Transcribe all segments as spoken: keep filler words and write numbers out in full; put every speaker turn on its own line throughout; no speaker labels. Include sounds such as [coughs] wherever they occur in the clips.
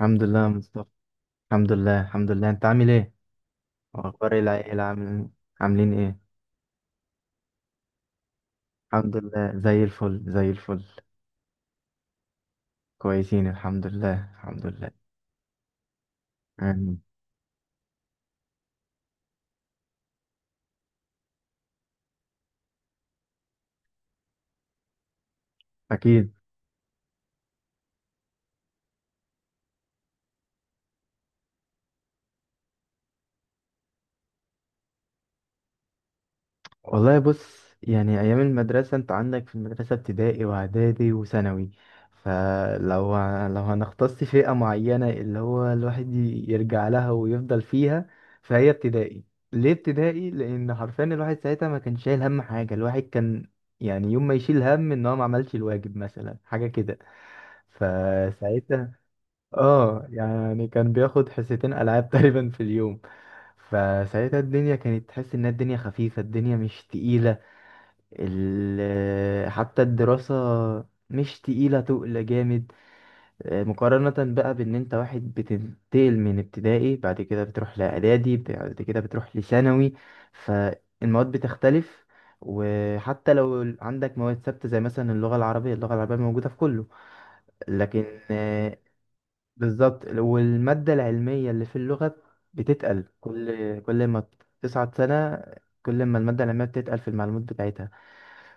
الحمد لله يا مصطفى. الحمد لله، الحمد لله. انت عامل ايه؟ اخبار العيله عامل إيه؟ عاملين ايه؟ الحمد لله، زي الفل زي الفل. كويسين الحمد لله الحمد لله. آمين. اكيد. والله بص، يعني أيام المدرسة أنت عندك في المدرسة ابتدائي وإعدادي وثانوي. فلو لو هنختص فئة معينة اللي هو الواحد ي- يرجع لها ويفضل فيها، فهي ابتدائي. ليه ابتدائي؟ لأن حرفيا الواحد ساعتها ما كان شايل هم حاجة، الواحد كان يعني يوم ما يشيل هم إن هو ما عملش الواجب مثلا حاجة كده فساعتها. اه يعني كان بياخد حصتين ألعاب [laughs] تقريبا في اليوم. فساعتها الدنيا كانت تحس إنها الدنيا خفيفة، الدنيا مش تقيلة، ال... حتى الدراسة مش تقيلة تقل جامد. آه، مقارنة بقى بإن أنت واحد بتنتقل من ابتدائي، بعد كده بتروح لإعدادي، بعد كده بتروح لثانوي، فالمواد بتختلف. وحتى لو ال- عندك مواد ثابتة زي مثلا اللغة العربية، اللغة العربية موجودة في كله. لكن آه، بالظبط، والمادة العلمية اللي في اللغة بتتقل كل كل ما تصعد سنة، كل ما المادة العلمية بتتقل في المعلومات بتاعتها.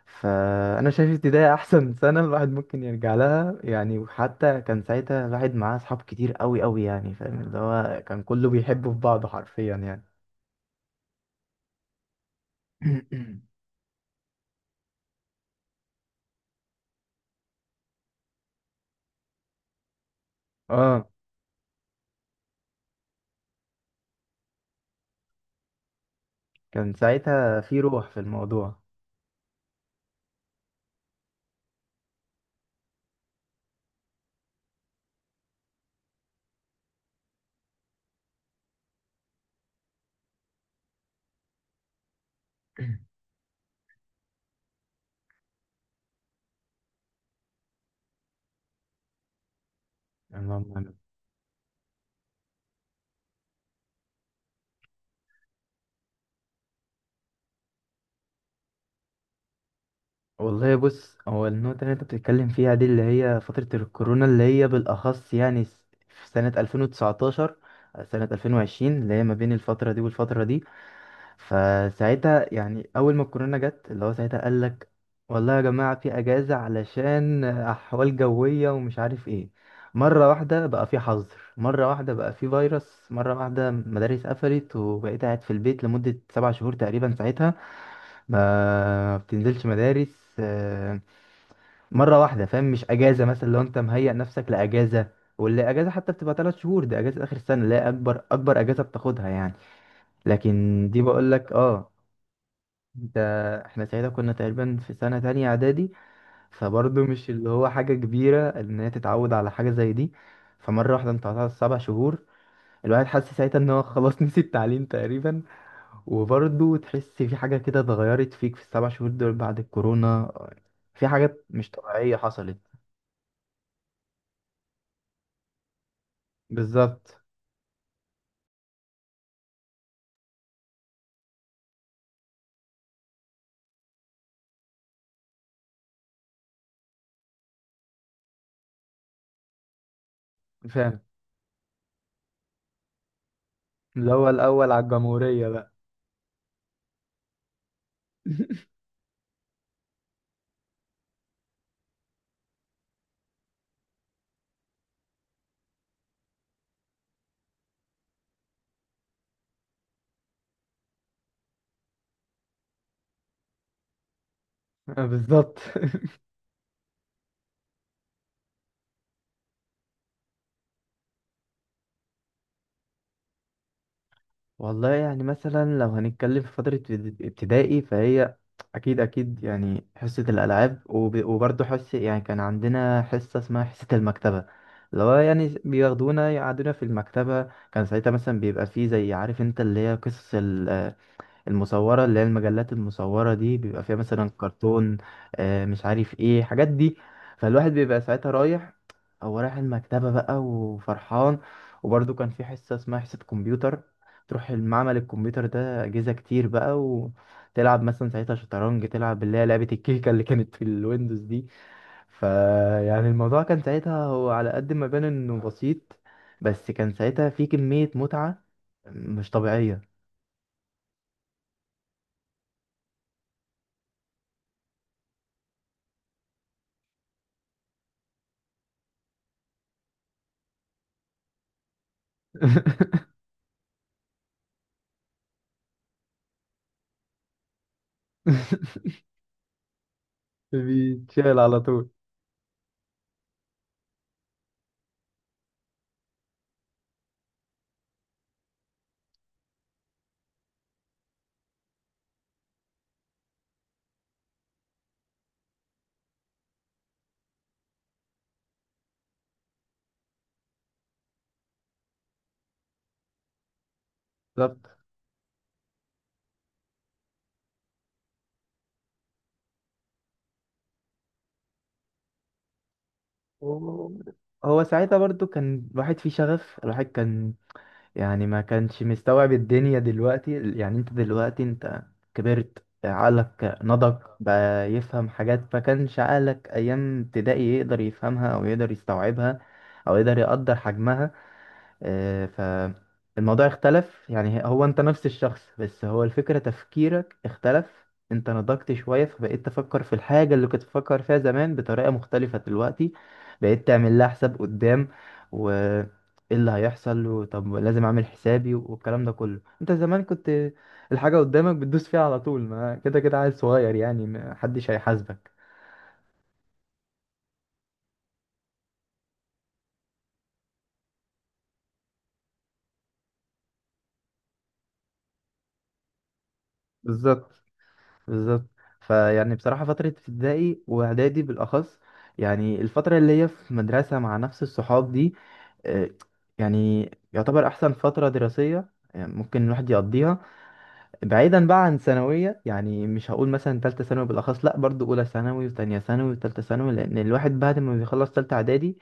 فانا شايف ابتدائي احسن [laughs] سنه الواحد ممكن يرجع لها يعني. وحتى كان ساعتها الواحد معاه اصحاب كتير قوي قوي يعني، فاهم اللي هو كان كله بيحبه في بعضه حرفيا يعني. [coughs] [clears throat] اه، كان ساعتها في روح في الموضوع. [coughs] [clears throat] اللهم آمين. والله بص، هو النقطة اللي انت بتتكلم فيها دي اللي هي فترة الكورونا، اللي هي بالأخص يعني س- في سنة ألفين وتسعتاشر سنة ألفين وعشرين اللي هي ما بين الفترة دي والفترة دي. فساعتها يعني اول ما الكورونا جت اللي هو ساعتها قال لك والله يا جماعه في اجازه علشان احوال جويه ومش عارف ايه. مره واحده بقى في حظر، مره واحده بقى في فيروس، مره واحده مدارس قفلت، وبقيت قاعد في البيت لمده سبع شهور تقريبا ساعتها ما بتنزلش مدارس. آه، مره واحده، فاهم؟ مش اجازه مثلا لو انت مهيئ نفسك لاجازه، واللي اجازه حتى بتبقى ثلاث شهور دي اجازه اخر السنه اللي هي اكبر اكبر اجازه بتاخدها يعني. لكن دي بقول لك اه. ده احنا ساعتها كنا تقريبا في سنة تانية اعدادي، فبرضه مش اللي هو حاجة كبيرة ان هي تتعود على حاجة زي دي. فمرة واحدة انت قطعت سبع شهور، الواحد حس ساعتها ان هو [laughs] خلاص نسي التعليم تقريبا. وبرضه تحس في حاجة كده اتغيرت فيك في السبع شهور دول بعد الكورونا، في حاجات مش طبيعية حصلت. بالظبط. فاهم، اللي هو الأول على الجمهورية بقى [laughs] بالظبط. والله يعني مثلا لو هنتكلم في فترة ابتد- ابتدائي، فهي أكيد أكيد يعني حصة الألعاب، وب- وبرضه حصة، يعني كان عندنا حصة اسمها حصة المكتبة، اللي هو يعني بياخدونا يقعدونا في المكتبة. كان ساعتها مثلا بيبقى فيه زي عارف انت اللي هي قصص المصورة، اللي هي المجلات المصورة دي، بيبقى فيها مثلا كرتون، آه، مش عارف ايه حاجات دي. فالواحد بيبقى ساعتها رايح، هو رايح المكتبة بقى وفرحان. وبرضه كان في حصة اسمها حصة كمبيوتر، تروح المعمل الكمبيوتر ده أجهزة كتير بقى، وتلعب مثلا ساعتها شطرنج، تلعب اللي هي لعبة الكيكة اللي كانت في الويندوز دي. فيعني الموضوع كان ساعتها هو على قد ما بان انه بسيط، بس كان ساعتها في كمية متعة مش طبيعية. [laughs] بيتشال على طول. بالظبط. و- هو ساعتها برضو كان الواحد فيه شغف، الواحد كان يعني ما كانش مستوعب الدنيا دلوقتي. يعني انت دلوقتي انت كبرت، عقلك نضج بقى يفهم حاجات ما كانش عقلك ايام ابتدائي يقدر يفهمها او يقدر يستوعبها او يقدر يقدر حجمها. آه، فالموضوع اختلف، يعني هو انت نفس الشخص بس هو الفكرة تفكيرك اختلف، انت نضجت شوية فبقيت تفكر في الحاجة اللي كنت تفكر فيها زمان بطريقة مختلفة دلوقتي. بقيت تعمل لها حساب قدام، و ايه اللي هيحصل، وطب لازم اعمل حسابي، والكلام ده كله. انت زمان كنت الحاجة قدامك بتدوس فيها على طول، ما كده كده عيل صغير يعني ما حدش هيحاسبك. بالظبط، بالظبط. فيعني بصراحة فترة ابتدائي وإعدادي بالأخص، يعني الفترة اللي هي في مدرسة مع نفس الصحاب دي، آه، يعني يعتبر أحسن فترة دراسية يعني ممكن الواحد يقضيها، بعيدا بقى عن ثانوية. يعني مش هقول مثلا تالتة ثانوي بالأخص، لأ برضو أولى ثانوي وتانية ثانوي وتالتة ثانوي. لأن الواحد بعد ما بيخلص تالتة إعدادي،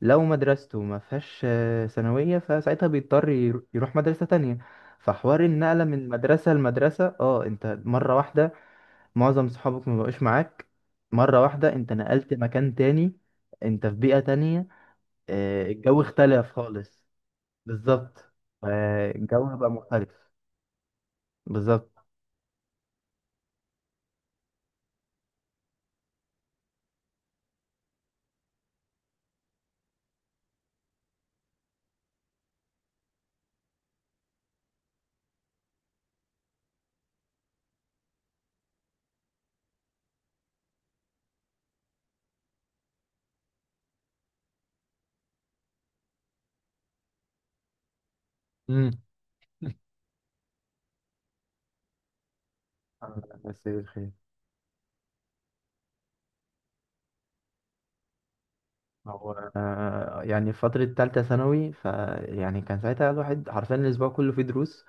لو مدرسته ما فيهاش آه، ثانوية، فساعتها بيضطر يرو- يروح مدرسة تانية. فحوار النقلة من مدرسة لمدرسة، اه انت مرة واحدة معظم صحابك ما بقوش معاك، مرة واحدة انت نقلت مكان تاني، انت في بيئة تانية. آه، الجو اختلف خالص. بالظبط، آه، الجو بقى مختلف. بالظبط. امم. آه، بس الخير. هو آه، يعني في فترة تالتة ثانوي فيعني كان ساعتها الواحد حرفيا الأسبوع كله فيه دروس.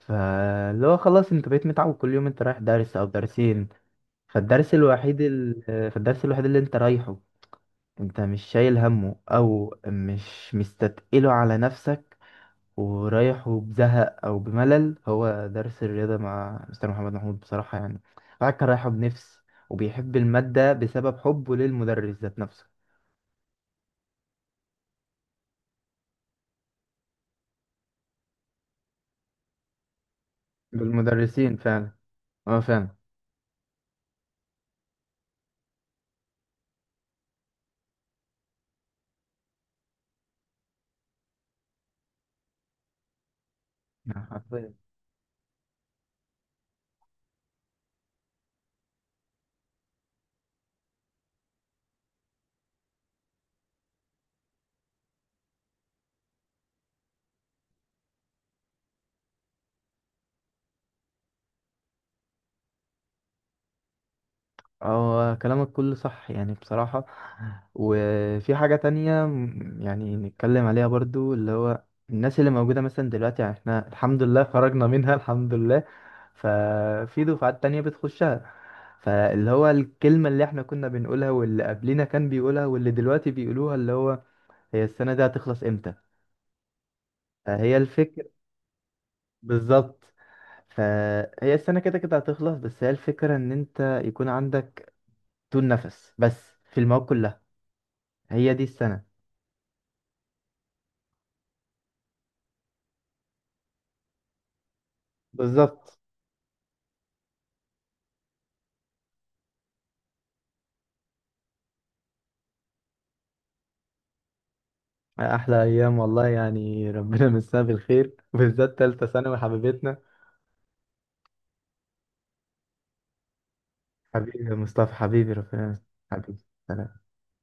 فاللي هو خلاص أنت بقيت متعود كل يوم أنت رايح درس أو درسين. فالدرس الوحيد ال... آه، فالدرس الوحيد اللي أنت رايحه، انت مش شايل همه او مش مستتقله على نفسك، ورايح وبزهق او بملل، هو درس الرياضة مع مستر محمد محمود بصراحة يعني. الواحد كان رايحه بنفس وبيحب المادة بسبب حبه للمدرس ذات نفسه. بالمدرسين فعلا. اه فعلا. هو كلامك كله صح يعني بصراحة. وفي حاجة تانية م- يعني نتكلم عليها برضو، اللي هو الناس اللي موجودة مثلا دلوقتي، يعني احنا الحمد لله خرجنا منها الحمد لله. ففي دفعات تانية بتخشها، فاللي هو الكلمة اللي احنا كنا بنقولها واللي قبلنا كان بيقولها واللي دلوقتي بيقولوها، اللي هو هي السنة دي هتخلص امتى. فهي الفكرة، بالظبط. فهي السنة كده كده هتخلص، بس هي الفكرة ان انت يكون عندك طول نفس بس في المواد كلها. هي دي السنة. بالظبط. احلى ايام والله يعني ربنا يمسها بالخير، بالذات تالتة ثانوي حبيبتنا. حبيبي يا مصطفى، حبيبي ربنا يمسك- حبيبي، سلام.